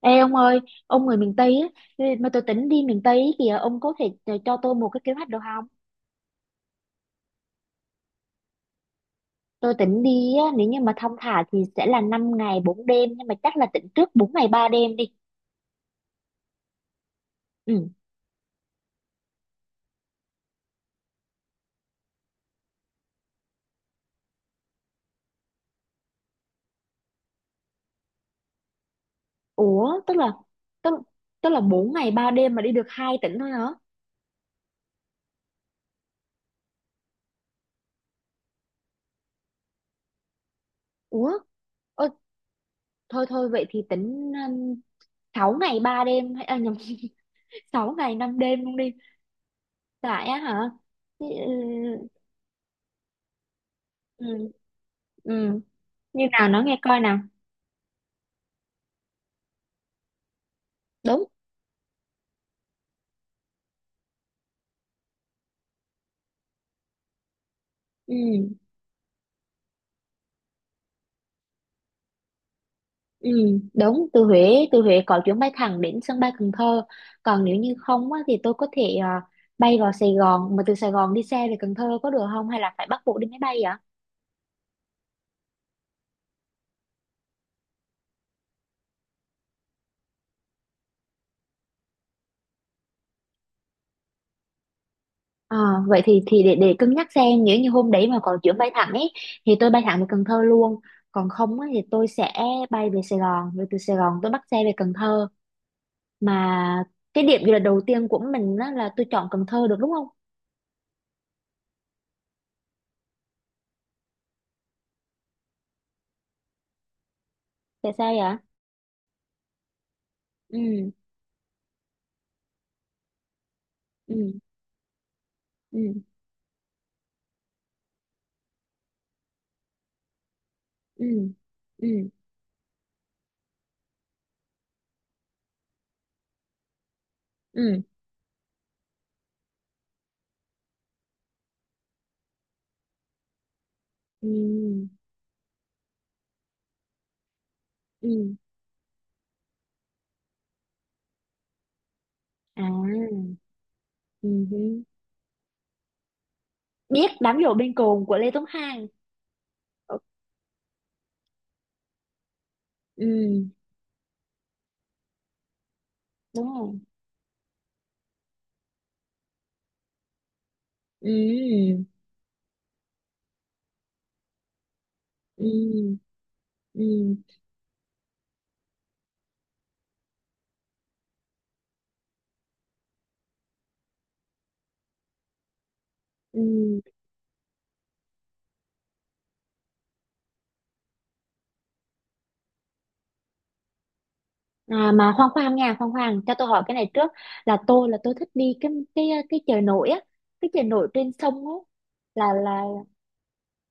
Ê ông ơi, ông người miền Tây á, mà tôi tính đi miền Tây á kìa, ông có thể cho tôi một cái kế hoạch được không? Tôi tính đi á, nếu như mà thong thả thì sẽ là 5 ngày bốn đêm, nhưng mà chắc là tính trước 4 ngày ba đêm đi. Ừ. Ủa, tức, tức là 4 ngày 3 đêm mà đi được hai tỉnh thôi hả? Ủa, ôi, thôi thôi vậy thì tính 6 ngày 3 đêm, à, nhầm, 6 ngày 5 đêm luôn đi. Tại á hả? Ừ, ừ, ừ. Như nào nó nghe coi nào. Đúng. Ừ. Ừ, đúng, từ Huế có chuyến bay thẳng đến sân bay Cần Thơ. Còn nếu như không á, thì tôi có thể bay vào Sài Gòn, mà từ Sài Gòn đi xe về Cần Thơ có được không, hay là phải bắt buộc đi máy bay vậy? À, vậy thì để cân nhắc xem, nếu như hôm đấy mà có chuyến bay thẳng ấy thì tôi bay thẳng về Cần Thơ luôn, còn không á, thì tôi sẽ bay về Sài Gòn rồi từ Sài Gòn tôi bắt xe về Cần Thơ. Mà cái điểm du lịch đầu tiên của mình á, là tôi chọn Cần Thơ được đúng không? Tại sao vậy? Ừ. Ừ. Ừ. Ừ. Ừ. Ừ. Ừ. Ừ. À. Ừ hứ. Biết đám giỗ bên cồn của Lê Tuấn Hoàng. Ừ, đúng rồi. Ừ. Ừ. Ừ. Ừ. À, mà khoan khoan nha, khoan khoan, cho tôi hỏi cái này trước, là tôi thích đi cái chợ nổi á, cái chợ nổi trên sông á, là là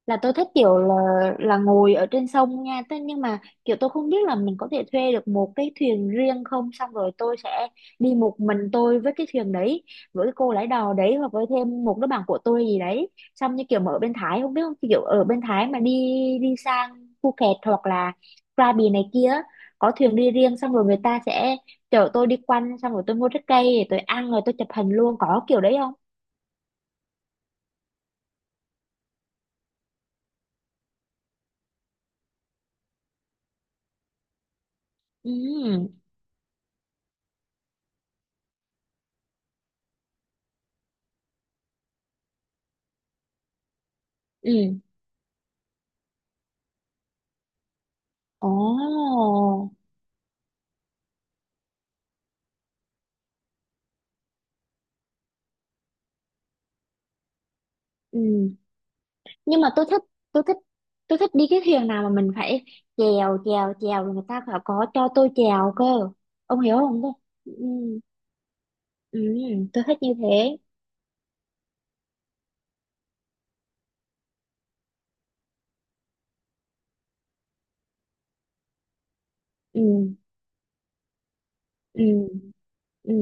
là tôi thích kiểu là ngồi ở trên sông nha. Thế nhưng mà kiểu tôi không biết là mình có thể thuê được một cái thuyền riêng không, xong rồi tôi sẽ đi một mình tôi với cái thuyền đấy, với cái cô lái đò đấy, hoặc với thêm một đứa bạn của tôi gì đấy. Xong như kiểu mà ở bên Thái không biết không, kiểu ở bên Thái mà đi đi sang Phuket hoặc là Krabi này kia, có thuyền đi riêng, xong rồi người ta sẽ chở tôi đi quanh, xong rồi tôi mua trái cây rồi tôi ăn rồi tôi chụp hình luôn, có kiểu đấy không? Ừ. Ừ. Ồ. Ừ. Nhưng mà tôi thích tôi thích đi cái thuyền nào mà mình phải chèo chèo chèo, rồi người ta phải có cho tôi chèo cơ, ông hiểu không tôi. Ừ, ừ, ừ, tôi thích như thế. Ừ, ừ, ừ,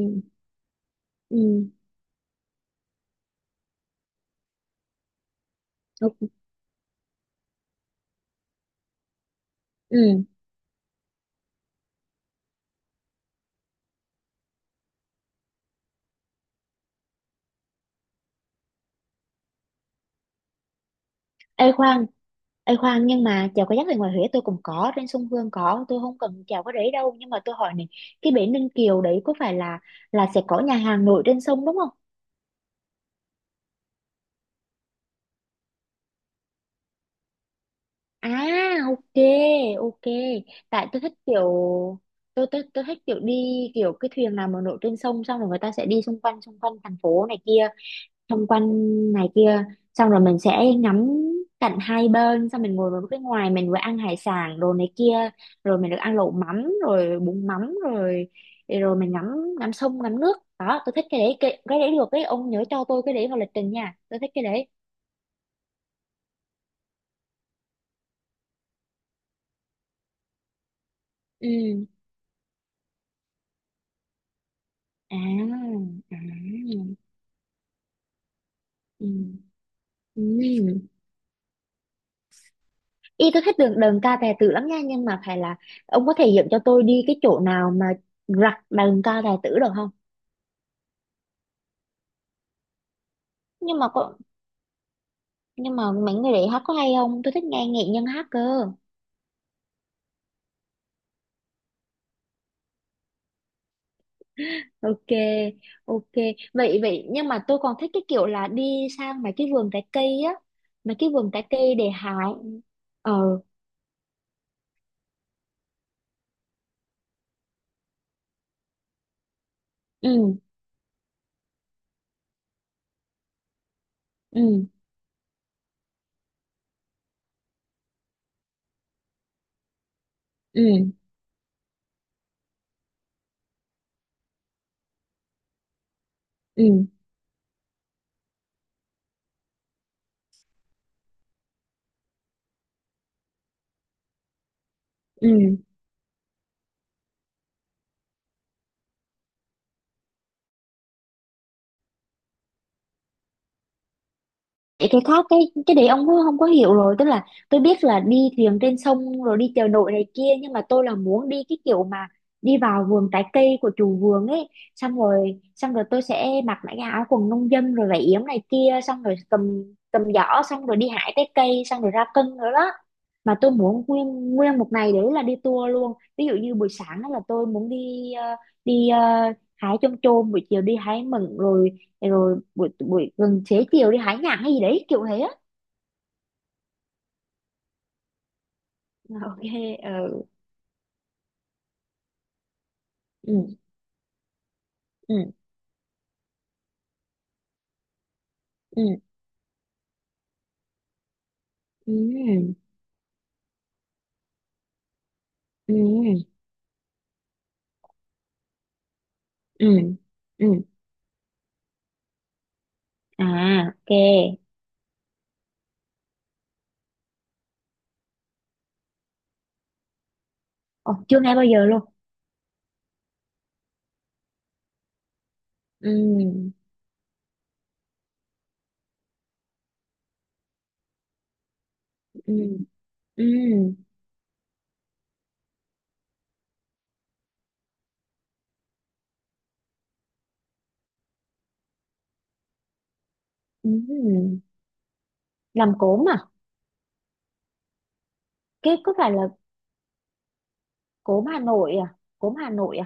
ừ, ok, ừ. Ê khoan, Ê khoan, nhưng mà chèo kayak thì ngoài Huế tôi cũng có trên sông Hương, có tôi không cần chèo cái đấy đâu, nhưng mà tôi hỏi này, cái bể Ninh Kiều đấy có phải là sẽ có nhà hàng nổi trên sông đúng không? À, ok, ok. Tại tôi thích kiểu, tôi thích kiểu đi, kiểu cái thuyền nào mà nổi trên sông. Xong rồi người ta sẽ đi xung quanh thành phố này kia. Xung quanh này kia. Xong rồi mình sẽ ngắm cảnh hai bên. Xong mình ngồi vào cái ngoài, mình vừa ăn hải sản đồ này kia. Rồi mình được ăn lẩu mắm rồi bún mắm rồi. Rồi mình ngắm ngắm sông ngắm nước. Đó tôi thích cái đấy, cái đấy được, cái ông nhớ cho tôi cái đấy vào lịch trình nha. Tôi thích cái đấy. Ừ, à, à. Ừ. Ừ. Y tôi thích đường đờn ca tài tử lắm nha, nhưng mà phải là ông có thể dẫn cho tôi đi cái chỗ nào mà rặt đờn ca tài tử được không? Nhưng mà có. Nhưng mà mấy người đấy hát có hay không, tôi thích nghe nghệ nhân hát cơ. Ok, ok. Vậy vậy nhưng mà tôi còn thích cái kiểu là đi sang mấy cái vườn trái cây á, mấy cái vườn trái cây để hái. Ờ. Ừ. Ừ. Ừ. Ừ. Ừ. Vậy cái khác cái đấy ông cũng không có hiểu rồi, tức là tôi biết là đi thuyền trên sông rồi đi chợ nổi này kia, nhưng mà tôi là muốn đi cái kiểu mà đi vào vườn trái cây của chủ vườn ấy, xong rồi tôi sẽ mặc lại cái áo quần nông dân rồi vải yếm này kia, xong rồi cầm cầm giỏ, xong rồi đi hái trái cây, xong rồi ra cân nữa đó. Mà tôi muốn nguyên nguyên một ngày đấy là đi tour luôn, ví dụ như buổi sáng đó là tôi muốn đi hái chôm chôm, buổi chiều đi hái mận rồi. Thế rồi buổi buổi gần xế chiều đi hái nhãn hay gì đấy kiểu thế á. Ok. Ờ. Ừ. Ừ. Ừ. Ừ. Ừ. Ừ. Ừ. À, ok. Ồ, chưa nghe bao giờ luôn. Ừ. Ừ. Ừ. Ừ. Làm cốm à? Cái có phải là cốm Hà Nội à? Cốm Hà Nội.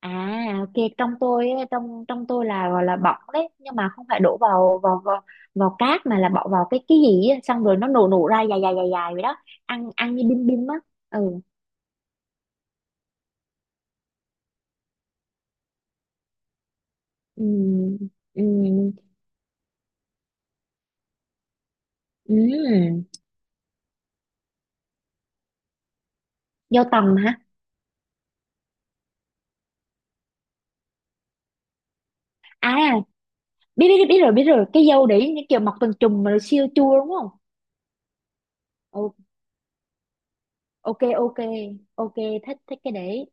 À, ok, trong tôi á, trong trong tôi là gọi là bỏng đấy, nhưng mà không phải đổ vào cát, mà là bỏ vào cái gì á, xong rồi nó nổ nổ ra dài dài dài dài vậy đó. Ăn ăn như bim bim á. Ừ. Ừm, ừm, ừm. Dâu tằm hả? À, biết biết biết rồi, biết rồi, cái dâu đấy như kiểu mọc từng chùm mà nó siêu chua đúng không? Ồ, ok, ok, ok, thích thích cái đấy.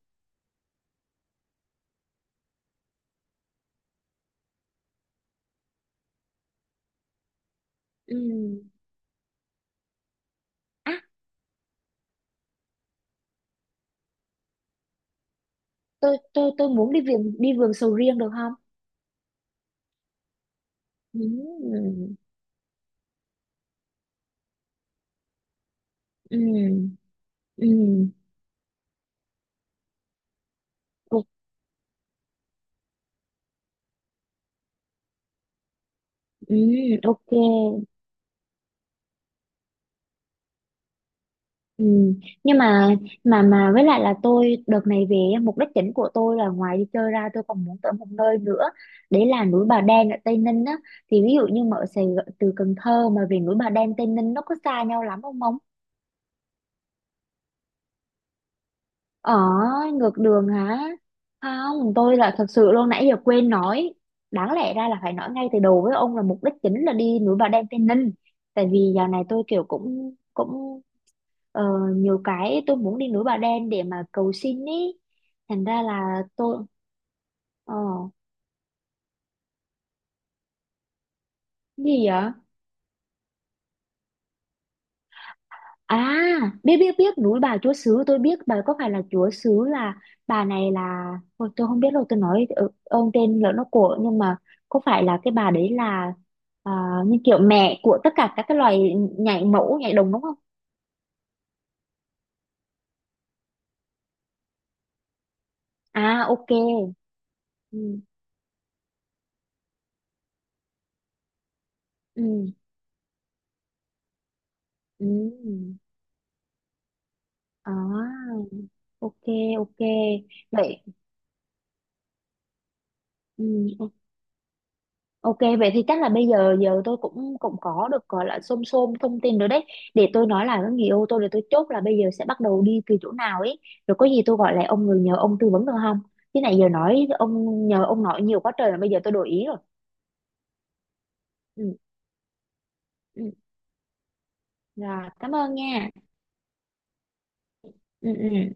Ừm. À, tôi muốn đi vườn sầu riêng được không? Ừm, ừm, ừm. Ừ, ừ, ok, ừ. Nhưng mà với lại là tôi đợt này về á, mục đích chính của tôi là ngoài đi chơi ra tôi còn muốn tới một nơi nữa, đấy là núi Bà Đen ở Tây Ninh á. Thì ví dụ như mà ở Sài Gòn, từ Cần Thơ mà về núi Bà Đen Tây Ninh nó có xa nhau lắm không ông? Ở. Ngược đường hả? Không, tôi là thật sự luôn nãy giờ quên nói, đáng lẽ ra là phải nói ngay từ đầu với ông là mục đích chính là đi núi Bà Đen Tây Ninh, tại vì dạo này tôi kiểu cũng cũng Ờ, nhiều cái tôi muốn đi núi Bà Đen để mà cầu xin ý, thành ra là tôi. ờ Gì vậy? À, biết biết biết núi bà Chúa Xứ, tôi biết bà, có phải là Chúa Xứ là bà này là. Ôi, tôi không biết đâu, tôi nói ông tên lỡ nó của, nhưng mà có phải là cái bà đấy là à, như kiểu mẹ của tất cả các cái loài nhảy mẫu nhảy đồng đúng không? À, ok. Ừ. Ừ. Ừ. À, ok, ok vậy. Ừ, o- ok vậy thì chắc là bây giờ giờ tôi cũng cũng có được gọi là xôm xôm thông tin rồi đấy, để tôi nói lại với người yêu tôi để tôi chốt là bây giờ sẽ bắt đầu đi từ chỗ nào ấy, rồi có gì tôi gọi lại ông, người nhờ ông tư vấn được không? Chứ này giờ nói ông nhờ ông nói nhiều quá trời là bây giờ tôi đổi ý rồi. Ừ, ừ. Rồi cảm ơn nha. Ừ, ừ.